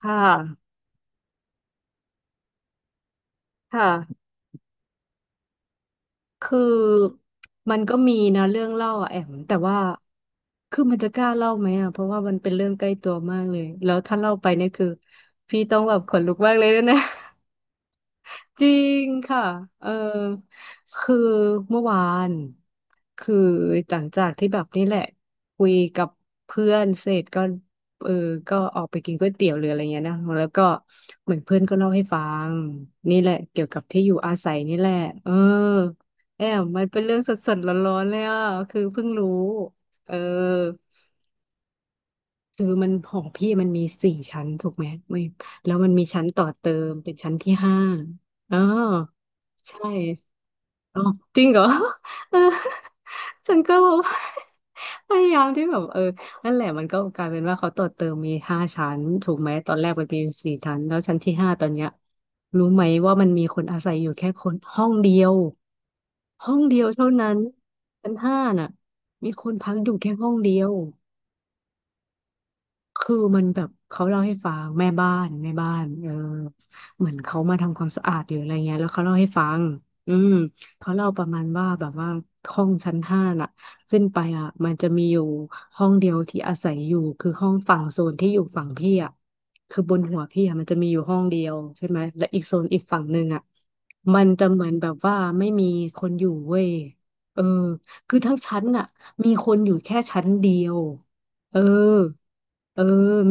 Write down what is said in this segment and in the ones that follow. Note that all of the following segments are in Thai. ค่ะค่ะ คือมันก็มีนะเรื่องเล่าอะแอมแต่ว่าคือมันจะกล้าเล่าไหมอ่ะ เพราะว่ามันเป็นเรื่องใกล้ตัวมากเลย แล้วถ้าเล่าไปเนี่ยคือพี่ต้องแบบขนลุกมากเลยนะ จริงค่ะเออคือเมื่อวานคือหลังจากที่แบบนี่แหละคุยกับเพื่อนเสร็จก็เออก็ออกไปกินก๋วยเตี๋ยวหรืออะไรเงี้ยนะแล้วก็เหมือนเพื่อนก็เล่าให้ฟังนี่แหละเกี่ยวกับที่อยู่อาศัยนี่แหละเออแอมมันเป็นเรื่องสดๆร้อนๆเลยอ่ะคือเพิ่งรู้เออคือมันหอพี่มันมีสี่ชั้นถูกไหมไม่แล้วมันมีชั้นต่อเติมเป็นชั้นที่ห้าอ๋อ ใช่อ๋อจริงเหรอ เออฉันก็แบบ พยายามที่แบบเออนั่นแหละมันก็กลายเป็นว่าเขาต่อเติมมีห้าชั้นถูกไหมตอนแรกมันมีสี่ชั้นแล้วชั้นที่ห้าตอนเนี้ยรู้ไหมว่ามันมีคนอาศัยอยู่แค่คนห้องเดียวห้องเดียวเท่านั้นชั้นห้าน่ะมีคนพักอยู่แค่ห้องเดียว คือมันแบบเขาเล่าให้ฟังแม่บ้านเออเหมือนเขามาทำความสะอาดหรืออะไรเงี้ยแล้วเขาเล่าให้ฟังอืมเขาเล่าประมาณว่าแบบว่าห้องชั้นห้าน่ะขึ้นไปอ่ะมันจะมีอยู่ห้องเดียวที่อาศัยอยู่คือห้องฝั่งโซนที่อยู่ฝั่งพี่อ่ะคือบนหัวพี่อ่ะมันจะมีอยู่ห้องเดียวใช่ไหมและอีกโซนอีกฝั่งหนึ่งอ่ะมันจะเหมือนแบบว่าไม่มีคนอยู่เว้ยเออคือทั้งชั้นน่ะมีคนอยู่แค่ชั้นเดียว เออเออ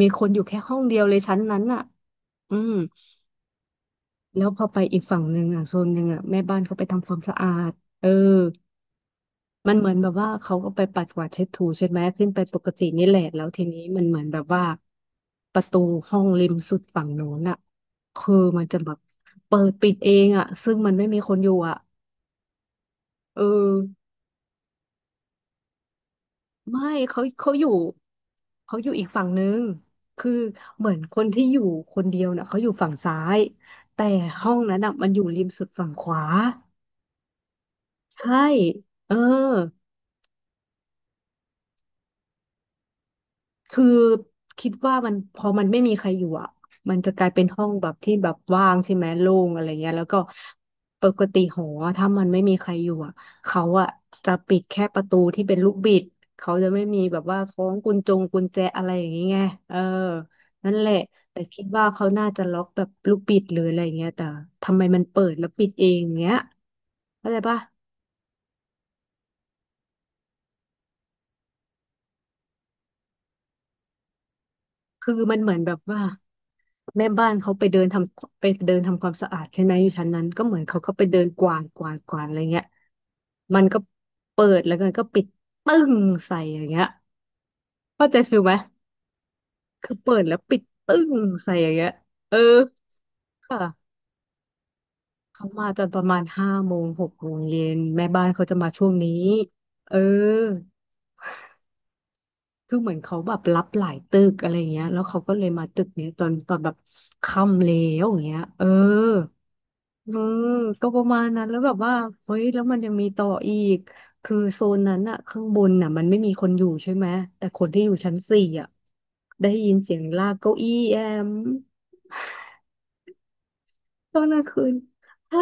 มีคนอยู่แค่ห้องเดียวเลยชั้นนั้นน่ะอืมแล้วพอไปอีกฝั่งหนึ่งอ่ะโซนหนึ่งอ่ะแม่บ้านเขาไปทำความสะอาดเออมันเหมือนแบบว่าเขาก็ไปปัดกวาดเช็ดถูใช่ไหมขึ้นไปปกตินี่แหละแล้วทีนี้มันเหมือนแบบว่าประตูห้องริมสุดฝั่งโน้นอ่ะคือมันจะแบบเปิดปิดเองอ่ะซึ่งมันไม่มีคนอยู่อ่ะเออ ไม่เขาอยู่เขาอยู่อีกฝั่งนึงคือเหมือนคนที่อยู่คนเดียวน่ะเขาอยู่ฝั่งซ้ายแต่ห้องนั้นน่ะมันอยู่ริมสุดฝั่งขวาใช่เออ คือคิดว่ามันพอมันไม่มีใครอยู่อ่ะมันจะกลายเป็นห้องแบบที่แบบว่างใช่ไหมโล่งอะไรเงี้ยแล้วก็ปกติหอถ้ามันไม่มีใครอยู่อ่ะเขาอ่ะจะปิดแค่ประตูที่เป็นลูกบิดเขาจะไม่มีแบบว่าคล้องกุญแจอะไรอย่างงี้ไงเออนั่นแหละแต่คิดว่าเขาน่าจะล็อกแบบลูกบิดหรืออะไรเงี้ยแต่ทำไมมันเปิดแล้วปิดเองเงี้ยเข้าใจปะ คือมันเหมือนแบบว่าแม่บ้านเขาไปเดินทำความสะอาดใช่ไหมอยู่ชั้นนั้นก็เหมือนเขาก็ไปเดินกวาดกวาดกวาดอะไรเงี้ยมันก็เปิดแล้วก็ปิดตึ้งใส่อย่างเงี้ยเข้าใจฟิลไหมคือเปิดแล้วปิดตึ้งใส่อย่างเงี้ยเออค่ะเขามาตอนประมาณห้าโมงหกโมงเย็นแม่บ้านเขาจะมาช่วงนี้เออ คือเหมือนเขาแบบรับหลายตึกอะไรเงี้ย แล้วเขาก็เลยมาตึกเนี้ยตอนแบบค่ำแล้วอย่างเงี้ย เออ เออ ก็ประมาณนั้นแล้วแบบว่า เฮ้ย แล้วมันยังมีต่ออีก คือโซนนั้นอะข้างบนน่ะมันไม่มีคนอยู่ใช่ไหม แต่คนที่อยู่ชั้นสี่อะได้ยินเสียงลากเก้าอี้แอม ตอนกลางคืนใช่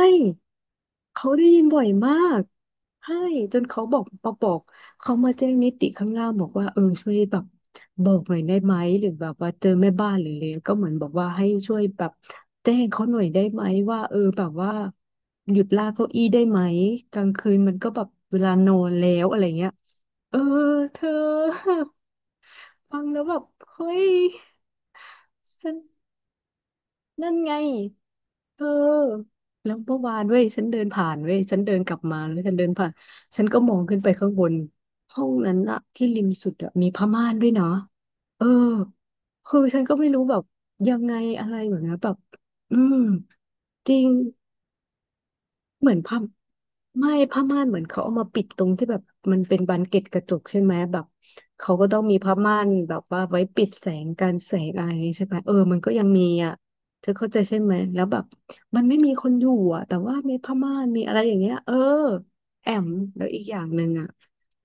เขาได้ยินบ่อยมากใช่จนเขาบอกเขามาแจ้งนิติข้างล่างบอกว่าเออช่วยแบบบอกหน่อยได้ไหมหรือแบบว่าเจอแม่บ้านหรืออะไรก็เหมือนบอกว่าให้ช่วยแบบแจ้งเขาหน่อยได้ไหมว่าเออแบบว่าหยุดลากเก้าอี้ได้ไหมกลางคืนมันก็แบบเวลานอนแล้วอะไรเงี้ยเออเธอ ฟังแล้วแบบเฮ้ยฉัน นั่นไง เออ แล้วเมื่อวานเว้ยฉันเดินผ่านเว้ยฉันเดินกลับมาแล้วฉันเดินผ่าน ฉันก็มองขึ้นไปข้างบนห้องนั้นอะที่ริมสุดอะมีผ้าม่านด้วยนะเออ คือฉันก็ไม่รู้แบบยังไงอะไรแบบนี้นแบบอืม จริง เหมือนผ้าไม่ผ้าม่านเหมือนเขาเอามาปิดตรงที่แบบมันเป็นบานเกล็ดกระจกใช่ไหมแบบเขาก็ต้องมีผ้าม่านแบบว่าไว้ปิดแสงการแสงอะไรอย่างงี้ใช่ไหมเออมันก็ยังมีอ่ะเธอเข้าใจใช่ไหมแล้วแบบมันไม่มีคนอยู่อ่ะแต่ว่ามีผ้าม่านมีอะไรอย่างเงี้ยเออแอมแล้วอีกอย่างหนึ่งอ่ะ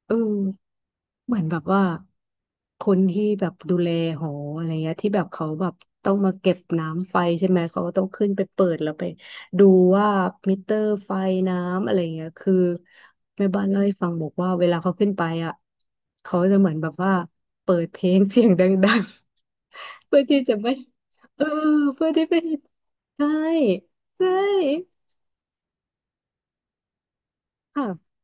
เออ เหมือนแบบว่าคนที่แบบดูแลหออะไรเงี้ยที่แบบเขาแบบต้องมาเก็บน้ำไฟใช่ไหมเขาก็ต้องขึ้นไปเปิดแล้วไปดูว่ามิเตอร์ไฟน้ำอะไรเงี้ยคือแม่บ้านเล่าให้ฟังบอกว่าเวลาเขาขึ้นไปอ่ะเขาจะเหมือนแบบว่าเปิดเพลงเสียงดังๆ เพื่อที่จะไม่เออเพื่อที่ไม่ใช่ใช่ค่ะ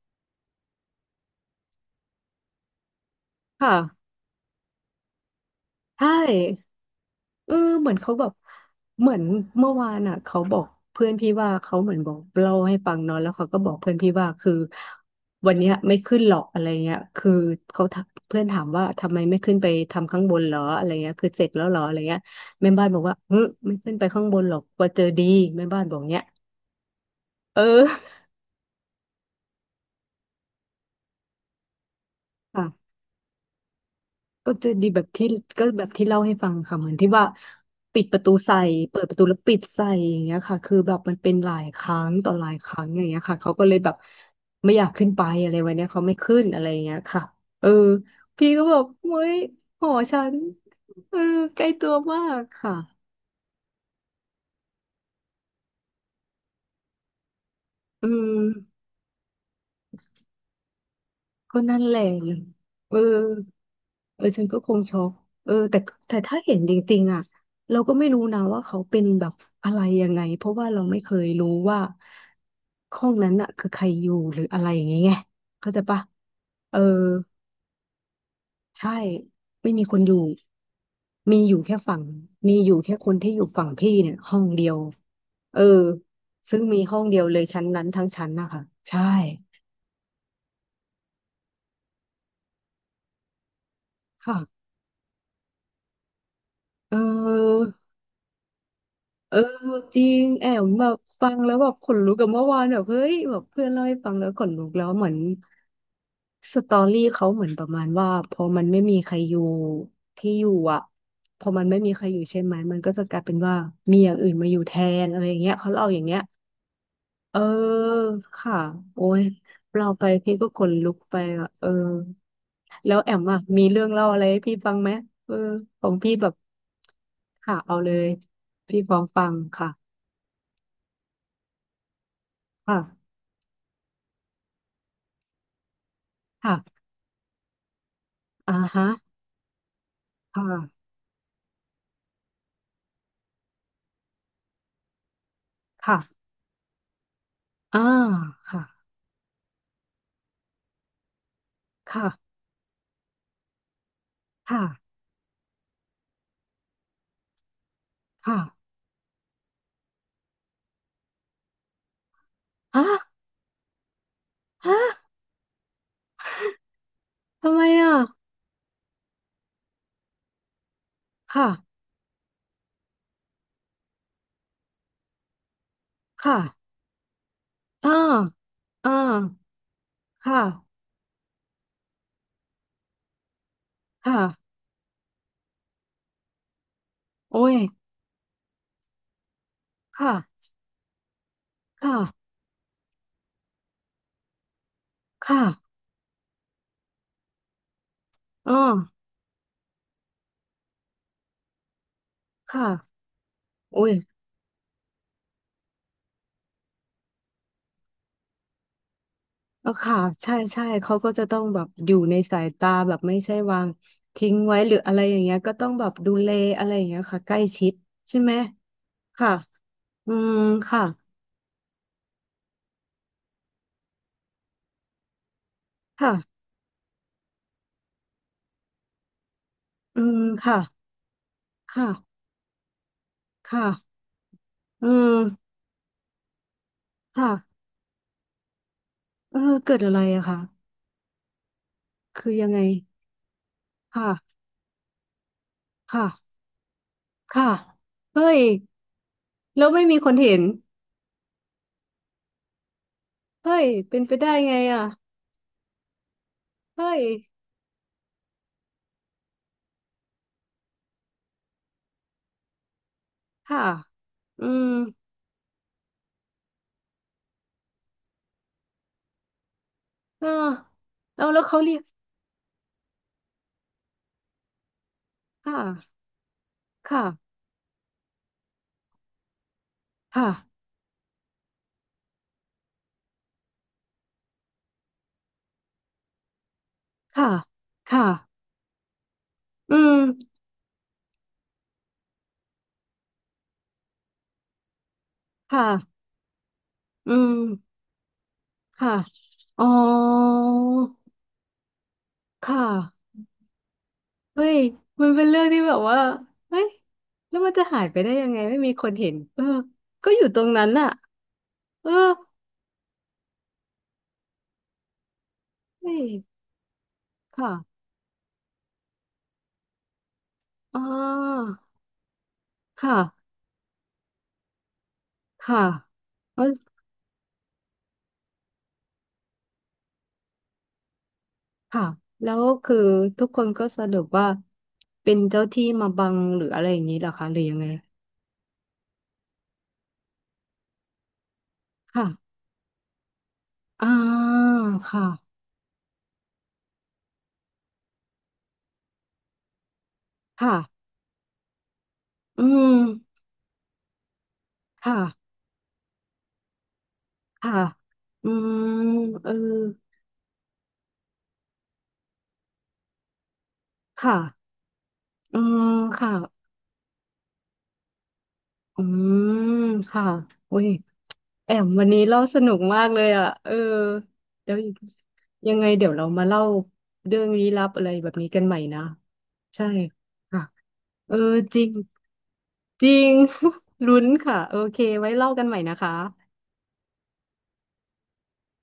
ค่ะใช่ เออเหมือนเขาแบบเหมือนเมื่อวานอ่ะเขาบอกเพื่อนพี่ว่าเขาเหมือนบอกเล่าให้ฟังเนาะแล้วเขาก็บอกเพื่อนพี่ว่าคือวันเนี้ยไม่ขึ้นหรอกอะไรเงี้ยคือเขาถามเพื่อนถามว่าทำไมไม่ขึ้นไปทำข้างบนเหรออะไรเงี้ยคือเสร็จแล้วเหรออะไรเงี้ยแม่บ้านบอกว่าเฮ้ยไม่ขึ้นไปข้างบนหรอกกลัวเจอดีแม่บ้านบอกเงี้ยเออค่ะ ก็จะดีแบบที่ก็แบบที่เล่าให้ฟังค่ะเหมือนที่ว่าปิดประตูใส่เปิดประตูแล้วปิดใส่อย่างเงี้ยค่ะคือแบบมันเป็นหลายครั้งต่อหลายครั้งอย่างเงี้ยค่ะเขาก็เลยแบบไม่อยากขึ้นไปอะไรวันเนี้ยเขาไม่ขึ้นอะไรอย่างเงี้ยค่ะเออพี่ก็บอกเฮ้ยหอฉันเออใกล้ตัวมากค่ะอืมก็นั่นแหละเออ เออฉันก็คงช็อกเออแต่แต่ถ้าเห็นจริงๆอ่ะเราก็ไม่รู้นะว่าเขาเป็นแบบอะไรยังไงเพราะว่าเราไม่เคยรู้ว่าห้องนั้นอ่ะคือใครอยู่หรืออะไรอย่างเงี้ยไงเข้าใจปะเออใช่ไม่มีคนอยู่มีอยู่แค่ฝั่งมีอยู่แค่คนที่อยู่ฝั่งพี่เนี่ยห้องเดียวเออซึ่งมีห้องเดียวเลยชั้นนั้นทั้งชั้นนะคะใช่ค่ะเออ เออจริงแอมแบบฟังแล้วแบบขนลุกกับเมื่อวานแบบเฮ้ยแบบเพื่อนเล่าให้ฟังแล้วขนลุกแล้วเหมือนสตอรี่เขาเหมือนประมาณว่าพอมันไม่มีใครอยู่ที่อยู่อ่ะพอมันไม่มีใครอยู่ใช่ไหมมันก็จะกลายเป็นว่ามีอย่างอื่นมาอยู่แทนอะไรอย่างเงี้ยเขาเล่าอย่างเงี้ยเออค่ะโอ้ยเราไปพี่ก็ขนลุกไปอ่ะเออแล้วแอมอ่ะมีเรื่องเล่าอะไรให้พี่ฟังไหมเออของพี่แบบค่ะเอาเลยพี่พร้อมฟังค่ะค่ะ ค่ะอ่าฮะค่ะค่ะอ่าค่ะค่ะค่ะค่ะฮะฮะทำไมอ่ะค่ะค่ะอ่าอ่าค่ะค่ะโอ้ยค่ะค่ะค่ะอ่าค่ะโอ้ยเออค่ะใช่ใช่เขาก็จะต้องแบบอยู่ในสายตาแบบไม่ใช่วางทิ้งไว้หรืออะไรอย่างเงี้ยก็ต้องแบบดูแลอะไรอย่างเงี้ยค่ะใกล้ชิดใช่ไหมค่ะ อืม ค่ะค่ะอืมค่ะ ค่ะค่ะเออค่ะเออเกิดอะไรอะคะคือยังไงค่ะค่ะค่ะเฮ้ยแล้วไม่มีคนเห็นเฮ้ยเป็นไปได้ไงอะเฮ้ยค่ะอืมเออแล้วเขาเรียกค่ะค่ะค่ะค่ะค่ะอืมค่ะอืมค่ะอ๋อค่ะ เฮ้ย มันเป็นเรื่องที่แบบว่าเฮ้ย แล้วมันจะหายไปได้ยังไงไม่มีคนเห็นเออก็อยู่ตรงนั้นน่ะเออเฮ้ยค่ะอ๋อค่ะค่ะเออค่ะแล้วคือทุกคนก็สรุปว่าเป็นเจ้าที่มาบังหรืออะไรอย่างนี้เหรอคะหรือยังไงค่ะอ่าค่ะค่ะอืมค่ะค่ะอืมเออค่ะอืมค่ะ อืมค่ะอุ้ยแอมวันนี้เล่าสนุกมากเลยอ่ะเออเดี๋ยวยังไงเดี๋ยวเรามาเล่าเรื่องลี้ลับอะไรแบบนี้กันใหม่นะใช่ค่ะเออจริงจริง ลุ้นค่ะโอเคไว้เล่ากันใหม่นะคะ